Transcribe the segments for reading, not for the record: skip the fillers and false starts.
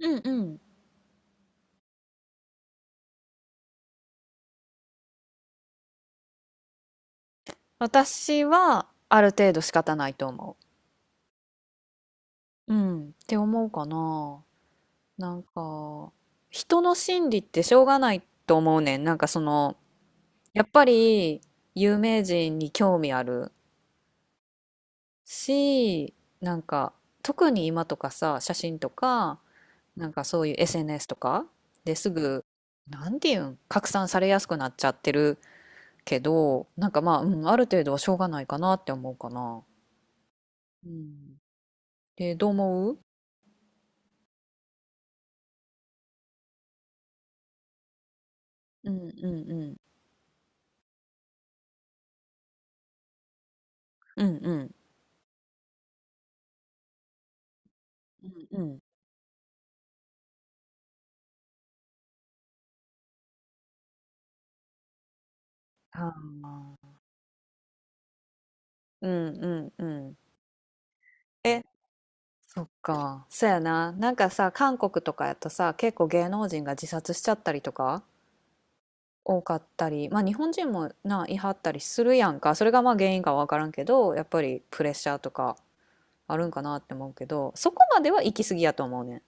うんうん。私はある程度仕方ないと思う。うん。って思うかな。なんか、人の心理ってしょうがないと思うねん。やっぱり有名人に興味あるし、なんか、特に今とかさ、写真とか、なんかそういう SNS とかですぐ、なんていうん、拡散されやすくなっちゃってるけど、なんかまあ、うん、ある程度はしょうがないかなって思うかな。うん。で、どう思う？うんうんうん。うんうんうんうん。ああ。うんうんうん。え、そっか。そやな。なんかさ、韓国とかやとさ、結構芸能人が自殺しちゃったりとか多かったり、まあ日本人もな、いはったりするやんか。それがまあ原因かわからんけど、やっぱりプレッシャーとかあるんかなって思うけど、そこまでは行き過ぎやと思うねん。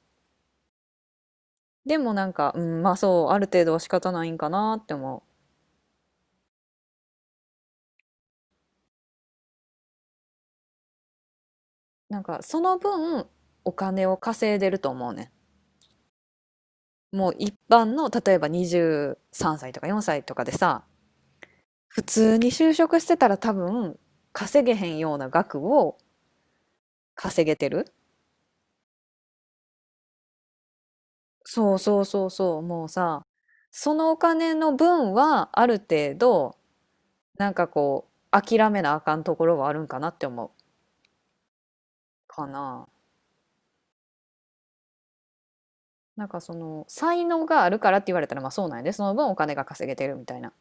でもなんか、うん、まあそう、ある程度は仕方ないんかなって思う。なんかその分、お金を稼いでると思うねん。もう一般の例えば23歳とか4歳とかでさ、普通に就職してたら多分稼げへんような額を稼げてる。そうそうそうそう。もうさ、そのお金の分はある程度、こう諦めなあかんところはあるんかなって思うかな。なんかその才能があるからって言われたらまあそうなんやで、その分お金が稼げてるみたいな。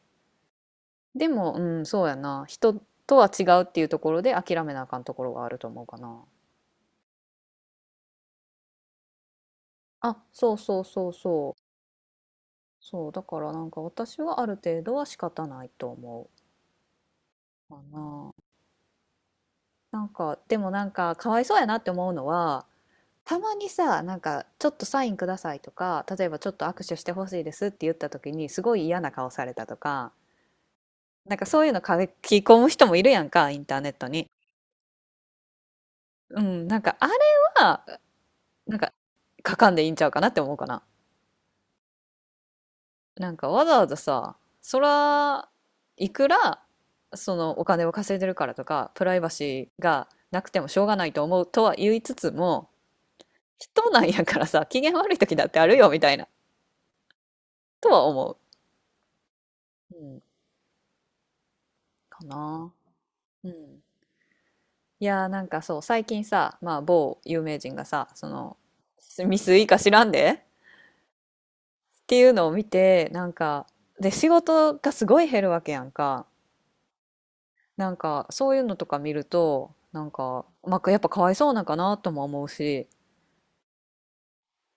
でもうんそうやな、人とは違うっていうところで諦めなあかんところがあると思うかな。あ、そうそうそうそう。そう、だからなんか私はある程度は仕方ないと思うかな。でもなんかかわいそうやなって思うのは、たまにさ、なんかちょっとサインくださいとか、例えばちょっと握手してほしいですって言った時にすごい嫌な顔されたとか、なんかそういうの書き込む人もいるやんか、インターネットに。うん、なんかあれは、なんか書かんでいいんちゃうかなって思うかな。なんかわざわざさ、そら、いくら、そのお金を稼いでるからとか、プライバシーがなくてもしょうがないと思うとは言いつつも、人なんやからさ、機嫌悪い時だってあるよみたいな、とは思う。うん、かな。うん。いやーなんかそう、最近さ、まあ某有名人がさ、その、ミスいいか知らんでっていうのを見て、で、仕事がすごい減るわけやんか。なんかそういうのとか見るとなんか、まあ、やっぱかわいそうなんかなとも思うし、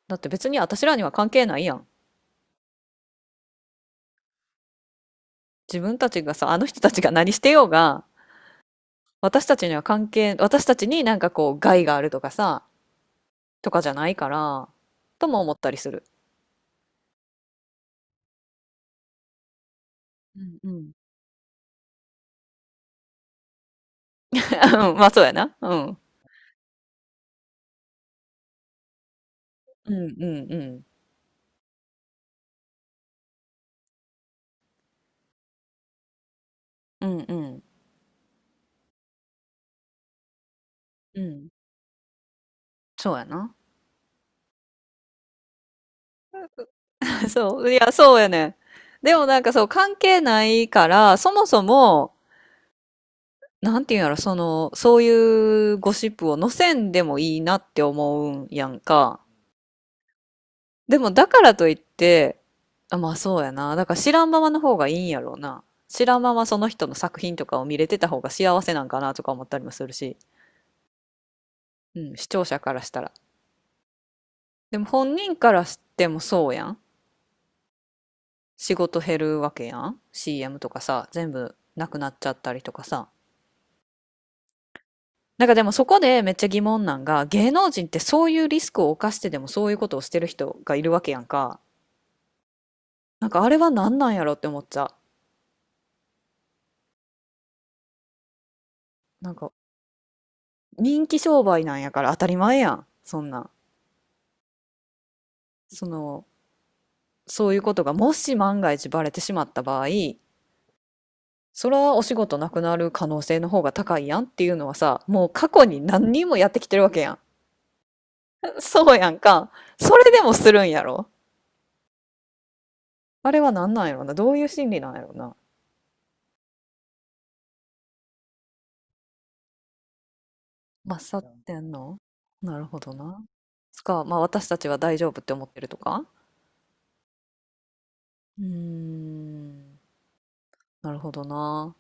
だって別に私らには関係ないやん。自分たちがさ、あの人たちが何してようが、私たちになんかこう害があるとかさ、とかじゃないから、とも思ったりする。うんうん。まあそうやな。うんうんうんうんうんうんうん。そうやな。 そういやそうやねん。でもなんかそう関係ないからそもそも、なんていうんやろ、その、そういうゴシップを載せんでもいいなって思うんやんか。でもだからといって、あ、まあそうやな。だから知らんままの方がいいんやろうな。知らんままその人の作品とかを見れてた方が幸せなんかなとか思ったりもするし、うん、視聴者からしたら。でも本人からしてもそうやん。仕事減るわけやん。CM とかさ、全部なくなっちゃったりとかさ。なんかでもそこでめっちゃ疑問なんが、芸能人ってそういうリスクを冒してでもそういうことをしてる人がいるわけやんか。なんかあれは何なんやろって思っちゃう。なんか人気商売なんやから当たり前やん。そんな。その、そういうことがもし万が一バレてしまった場合、それはお仕事なくなる可能性の方が高いやんっていうのはさ、もう過去に何人もやってきてるわけやん。そうやんか。それでもするんやろ。あれは何なんやろな。どういう心理なんやろな。まっさってんの。なるほどな。つか、まあ私たちは大丈夫って思ってるとか。うーん、なるほどな。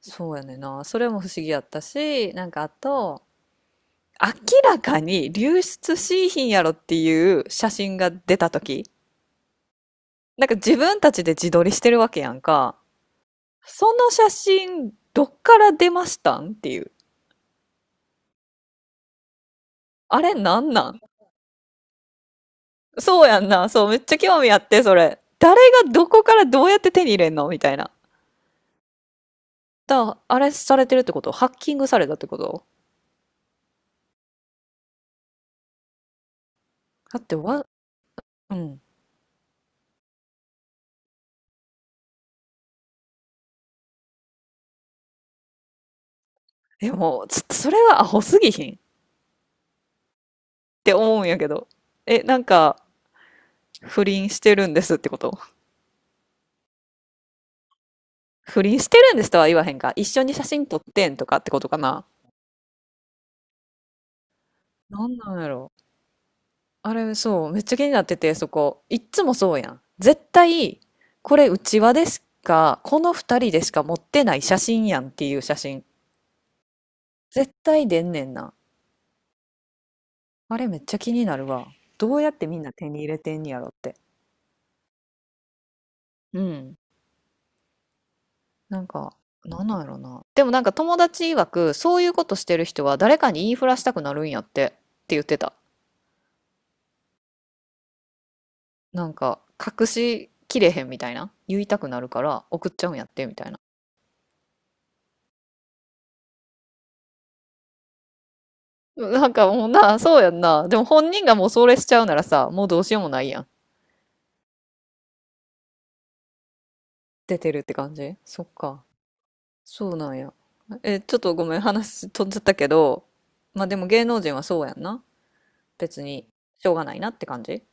そうやねんな。それも不思議やったし、なんかあと、明らかに流出しいひんやろっていう写真が出た時、なんか自分たちで自撮りしてるわけやんか。その写真、どっから出ましたんっていう。あれなんなん？そうやんな。そう、めっちゃ興味あって、それ。誰がどこからどうやって手に入れんのみたいな。だ、あれされてるってこと、ハッキングされたってこと？だってわ、うん。でも、ちょっとそれはアホすぎひんって思うんやけど。え、なんか、不倫してるんですってこと、不倫してるんですとは言わへんか。一緒に写真撮ってんとかってことかな。なんなんやろ。あれ、そう、めっちゃ気になってて、そこ。いっつもそうやん。絶対、これ、うちわでしか、この二人でしか持ってない写真やんっていう写真。絶対出んねんな。あれ、めっちゃ気になるわ。どうやってみんな手に入れてんやろって。うん。なんか、なんなんやろな。でもなんか友達曰く、そういうことしてる人は誰かに言いふらしたくなるんやってって言ってた。なんか、隠しきれへんみたいな。言いたくなるから送っちゃうんやってみたいな。なんかもうな、そうやんな。でも本人がもうそれしちゃうならさ、もうどうしようもないやん。出てるって感じ。そっか。そうなんや。え、ちょっとごめん、話飛んじゃったけど、まあでも芸能人はそうやんな。別に、しょうがないなって感じ。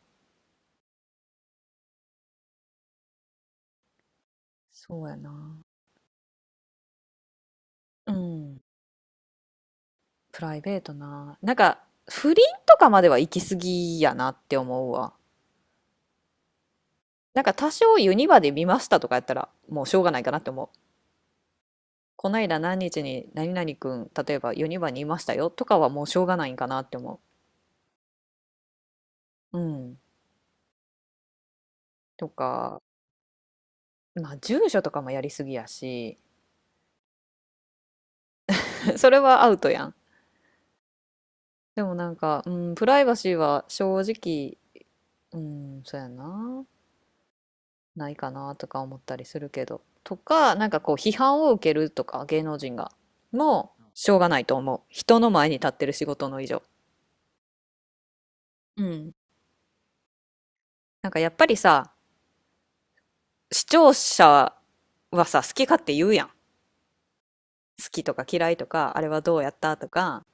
そうやな。うん。プライベートな。不倫とかまでは行き過ぎやなって思うわ。なんか多少ユニバで見ましたとかやったらもうしょうがないかなって思う。こないだ何日に何々くん、例えばユニバにいましたよとかはもうしょうがないんかなって思う。うん。とか、まあ住所とかもやりすぎやし、それはアウトやん。でもなんか、うん、プライバシーは正直、うん、そうやな、ないかなとか思ったりするけど。とか、なんかこう批判を受けるとか、芸能人が。もう、しょうがないと思う。人の前に立ってる仕事の以上。うん。なんかやっぱりさ、視聴者はさ、好き勝手言うやん。好きとか嫌いとか、あれはどうやったとか。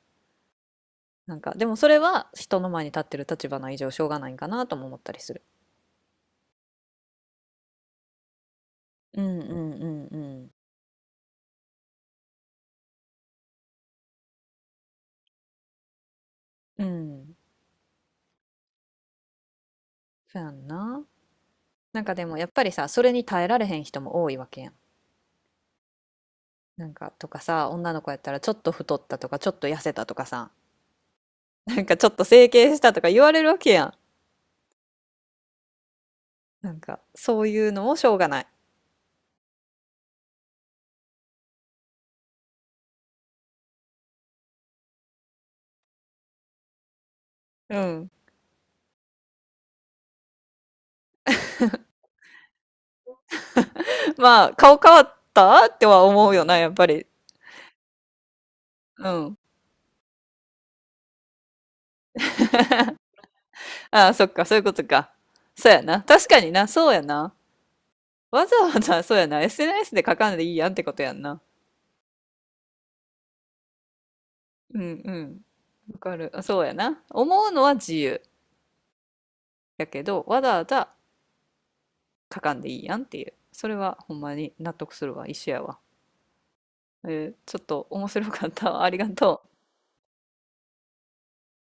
なんか、でもそれは人の前に立ってる立場の以上しょうがないんかなとも思ったりする。うんうんうんうん。うん。そうやんな。なんかでもやっぱりさ、それに耐えられへん人も多いわけやん。なんかとかさ、女の子やったらちょっと太ったとか、ちょっと痩せたとかさ、なんかちょっと整形したとか言われるわけやん。なんかそういうのもしょうがない。うん。まあ、顔変わったっては思うよな、やっぱり。うん。ああ、そっか、そういうことか。そうやな。確かにな、そうやな。わざわざ、そうやな。SNS で書かんでいいやんってことやんな。うんうん。わかる。あ、そうやな。思うのは自由。やけど、わざわざ書かんでいいやんっていう。それはほんまに納得するわ。一緒やわ。えーちょっと面白かった。ありがとう。